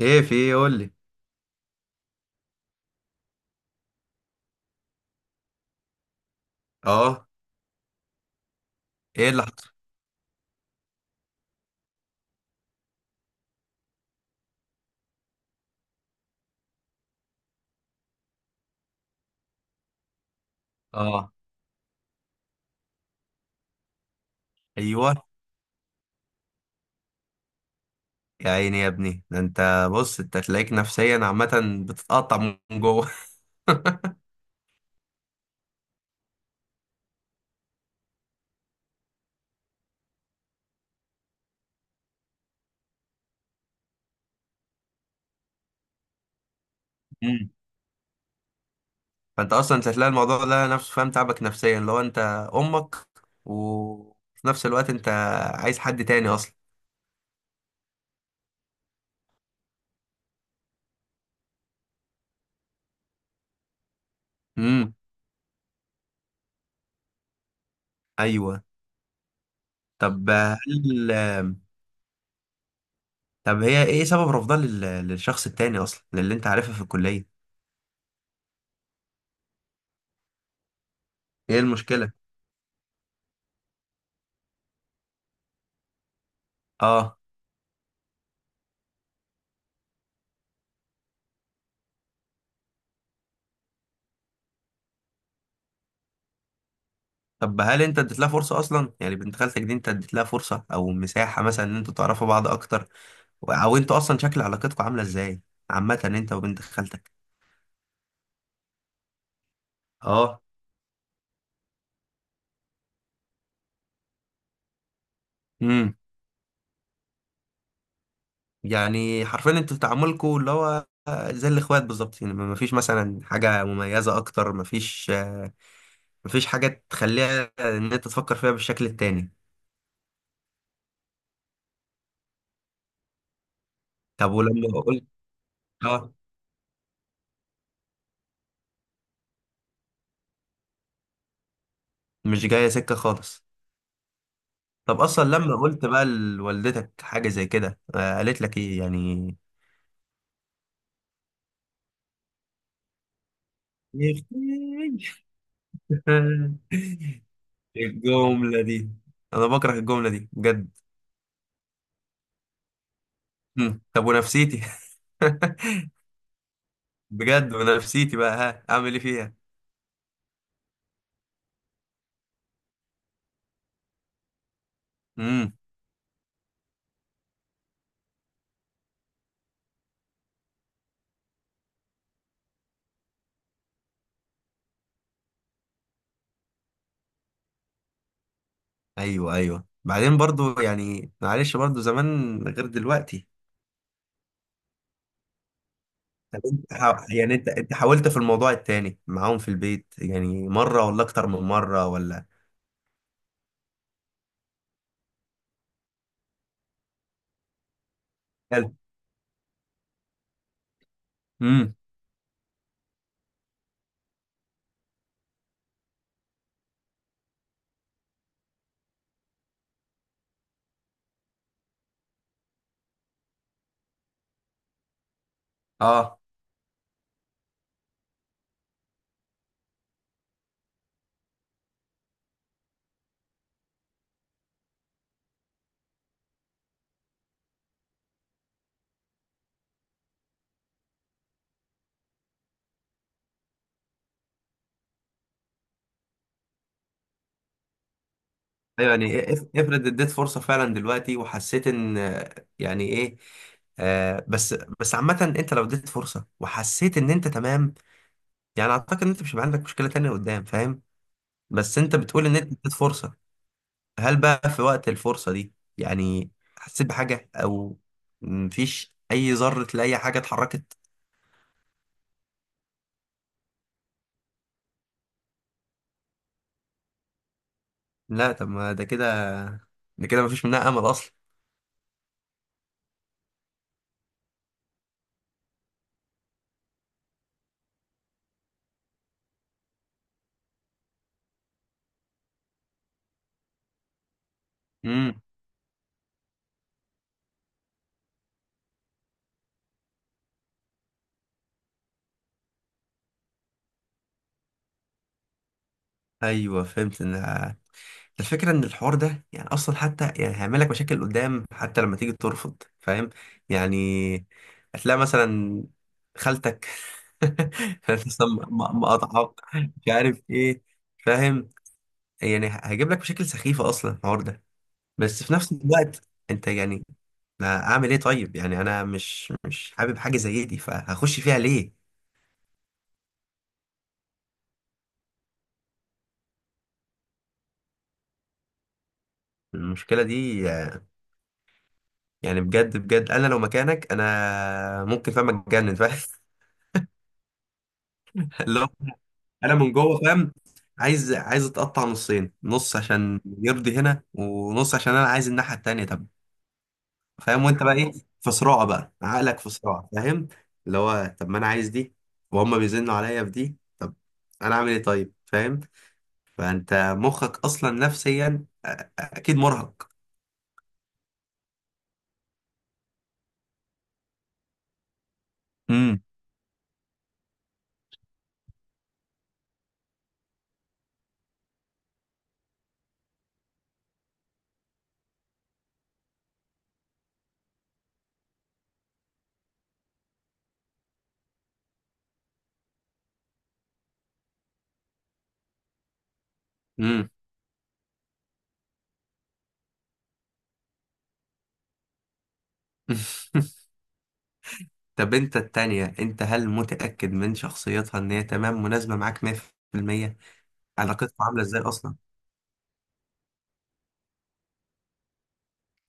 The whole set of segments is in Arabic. ايه، في ايه؟ قول لي. اه. ايه اللي حصل؟ اه. ايوه. يا عيني يا ابني، ده انت بص انت تلاقيك نفسيا عامه بتتقطع من جوه. مم. فانت اصلا مش هتلاقي الموضوع ده نفسه فاهم، تعبك نفسيا لو انت امك وفي نفس الوقت انت عايز حد تاني اصلا. امم. ايوه. طب هل طب هي ايه سبب رفضها للشخص التاني اصلا، للي انت عارفها في الكليه؟ ايه المشكله؟ اه. طب هل انت اديت لها فرصه اصلا؟ يعني بنت خالتك دي، انت اديت لها فرصه او مساحه مثلا ان انتوا تعرفوا بعض اكتر؟ او انتوا اصلا شكل علاقتكم عامله ازاي عامه، انت وبنت خالتك؟ اه. امم. يعني حرفيا انتوا في تعاملكم اللي هو زي الاخوات بالظبط، يعني ما فيش مثلا حاجه مميزه اكتر، ما فيش حاجه تخليها ان انت تفكر فيها بالشكل التاني؟ طب ولما قلت. اه. مش جايه سكه خالص. طب اصلا لما قلت بقى لوالدتك حاجه زي كده، قالت لك ايه يعني؟ يحتاج. الجملة دي، أنا بكره الجملة دي بجد. مم. طب ونفسيتي. بجد ونفسيتي بقى، ها أعمل إيه فيها؟ مم. أيوه، أيوه، بعدين برضو يعني معلش، برضو زمان غير دلوقتي. طب انت يعني أنت حاولت في الموضوع التاني معاهم في البيت يعني، مرة ولا أكتر من مرة ولا؟ هل؟ مم. أه. ايوه يعني إيه، افرض اديت فرصه فعلا دلوقتي، وحسيت ان يعني ايه. آه، بس. بس عامه انت لو اديت فرصه وحسيت ان انت تمام، يعني اعتقد ان انت مش هيبقى عندك مشكله تانية قدام، فاهم؟ بس انت بتقول ان انت اديت فرصه، هل بقى في وقت الفرصه دي، يعني، حسيت بحاجه، او مفيش اي ذره لاي حاجه اتحركت؟ لا طب ما ده كده مفيش منها امل اصلا. امم. ايوه، فهمت ان الفكرة إن الحوار ده يعني أصلا حتى، يعني هيعمل لك مشاكل قدام، حتى لما تيجي ترفض، فاهم؟ يعني هتلاقي مثلا خالتك. مثلاً مقاطعاك، مش عارف إيه، فاهم؟ يعني هيجيب لك مشاكل سخيفة أصلا الحوار ده. بس في نفس الوقت أنت يعني، ما أعمل إيه طيب؟ يعني أنا مش مش حابب حاجة زي دي، فهخش فيها ليه؟ المشكلة دي، يعني بجد بجد أنا لو مكانك أنا ممكن فاهم أتجنن، فاهم؟ انا من جوه فاهم، عايز اتقطع نصين، نص عشان يرضي هنا، ونص عشان انا عايز الناحيه التانيه. طب فاهم، وانت بقى ايه؟ في صراع بقى عقلك، في صراع فاهم، اللي هو طب ما انا عايز دي، وهم بيزنوا عليا في دي، طب انا اعمل ايه طيب فاهم؟ فانت مخك اصلا نفسيا اكيد مرهق. امم. امم. طب انت التانية انت، هل متأكد من شخصيتها ان هي تمام مناسبة معاك 100%؟ علاقتكم عاملة ازاي اصلا؟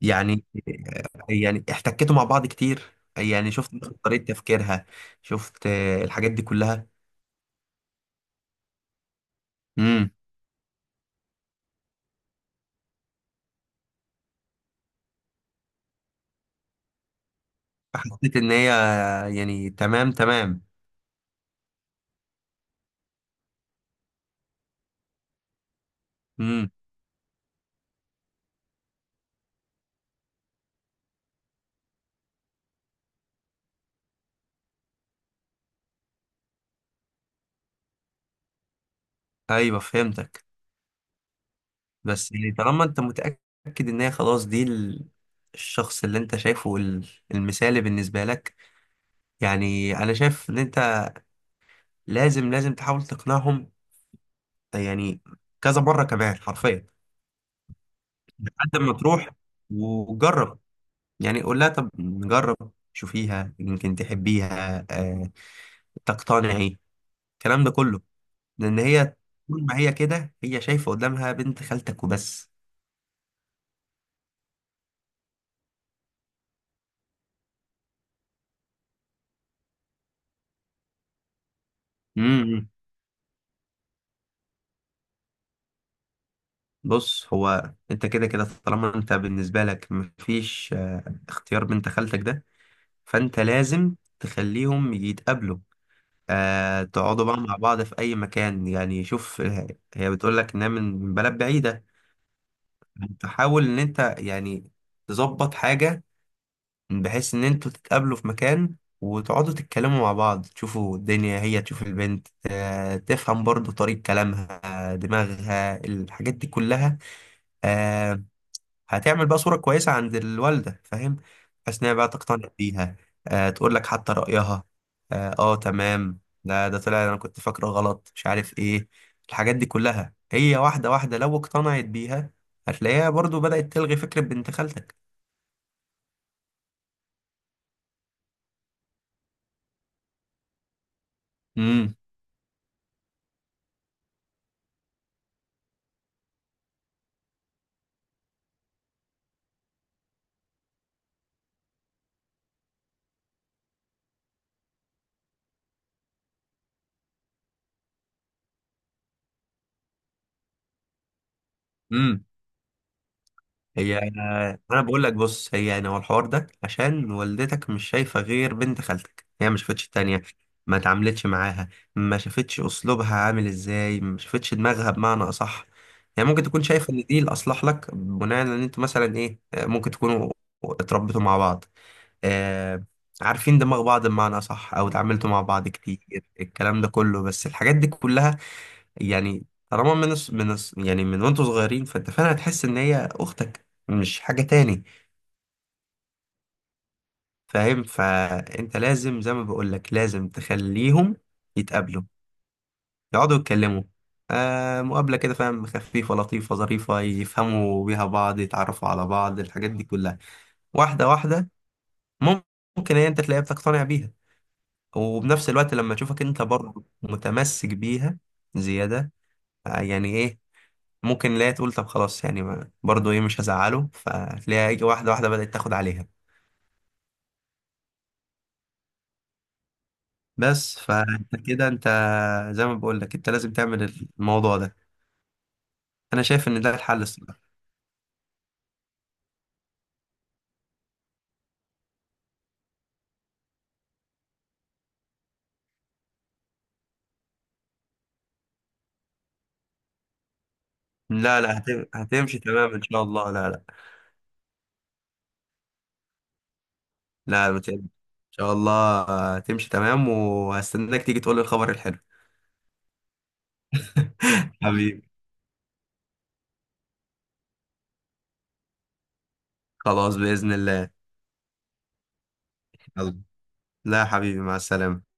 يعني، يعني احتكيتوا مع بعض كتير، يعني شفت طريقة تفكيرها، شفت الحاجات دي كلها؟ امم. حسيت ان هي يعني تمام تمام؟ امم. ايوه، فهمتك. بس يعني طالما انت متأكد ان هي خلاص، دي الشخص اللي انت شايفه المثالي بالنسبة لك، يعني انا شايف ان انت لازم لازم تحاول تقنعهم، يعني كذا مرة كمان حرفيا، لحد ما تروح وجرب، يعني قول لها طب نجرب شوفيها يمكن تحبيها، تقتنعي، الكلام ده كله، لان هي طول ما هي كده، هي شايفه قدامها بنت خالتك وبس. امم. بص هو انت كده كده، طالما انت بالنسبه لك مفيش اختيار بنت خالتك ده، فانت لازم تخليهم يتقابلوا، تقعدوا بقى مع بعض في اي مكان، يعني شوف، هي بتقول لك انها من بلد بعيده، تحاول ان انت يعني تظبط حاجه بحيث ان انتوا تتقابلوا في مكان وتقعدوا تتكلموا مع بعض، تشوفوا الدنيا، هي تشوف البنت، تفهم برضو طريقة كلامها، دماغها الحاجات دي كلها، آه، هتعمل بقى صورة كويسة عند الوالدة، فاهم؟ بحيث انها بقى تقتنع بيها، تقول لك حتى رأيها. اه تمام، لا ده طلع انا كنت فاكره غلط، مش عارف ايه. الحاجات دي كلها هي واحدة واحدة، لو اقتنعت بيها هتلاقيها برضو بدأت تلغي فكرة بنت خالتك. امم. امم. هي انا بقول لك بص، هي يعني هو الحوار ده عشان والدتك مش شايفه غير بنت خالتك، هي ما شافتش التانية، ما اتعاملتش معاها، ما شافتش اسلوبها عامل ازاي، ما شافتش دماغها بمعنى اصح، يعني ممكن تكون شايفه ان دي الاصلح لك بناء ان انتوا مثلا ايه، ممكن تكونوا اتربيتوا مع بعض، آه عارفين دماغ بعض بمعنى اصح، او اتعاملتوا مع بعض كتير، الكلام ده كله، بس الحاجات دي كلها، يعني طالما يعني من وانتوا صغيرين، فانت فعلا هتحس ان هي اختك مش حاجة تاني، فاهم؟ فانت لازم زي ما بقولك لازم تخليهم يتقابلوا، يقعدوا يتكلموا، مقابلة كده فاهم، خفيفة لطيفة ظريفة، يفهموا بيها بعض، يتعرفوا على بعض، الحاجات دي كلها واحدة واحدة. مم- ممكن هي انت تلاقيها بتقتنع بيها، وبنفس الوقت لما تشوفك انت برضه متمسك بيها زيادة، يعني ايه، ممكن لا تقول طب خلاص، يعني برضو ايه مش هزعله، فتلاقيها يجي واحده واحده بدات تاخد عليها. بس فانت كده، انت زي ما بقول لك انت لازم تعمل الموضوع ده، انا شايف ان ده الحل الصراحه. لا لا، هتمشي تمام ان شاء الله، لا لا. لا ما تقلقش. ان شاء الله هتمشي تمام، وهستناك تيجي تقول لي الخبر الحلو. حبيبي. خلاص باذن الله. يلا. لا يا حبيبي، مع السلامه.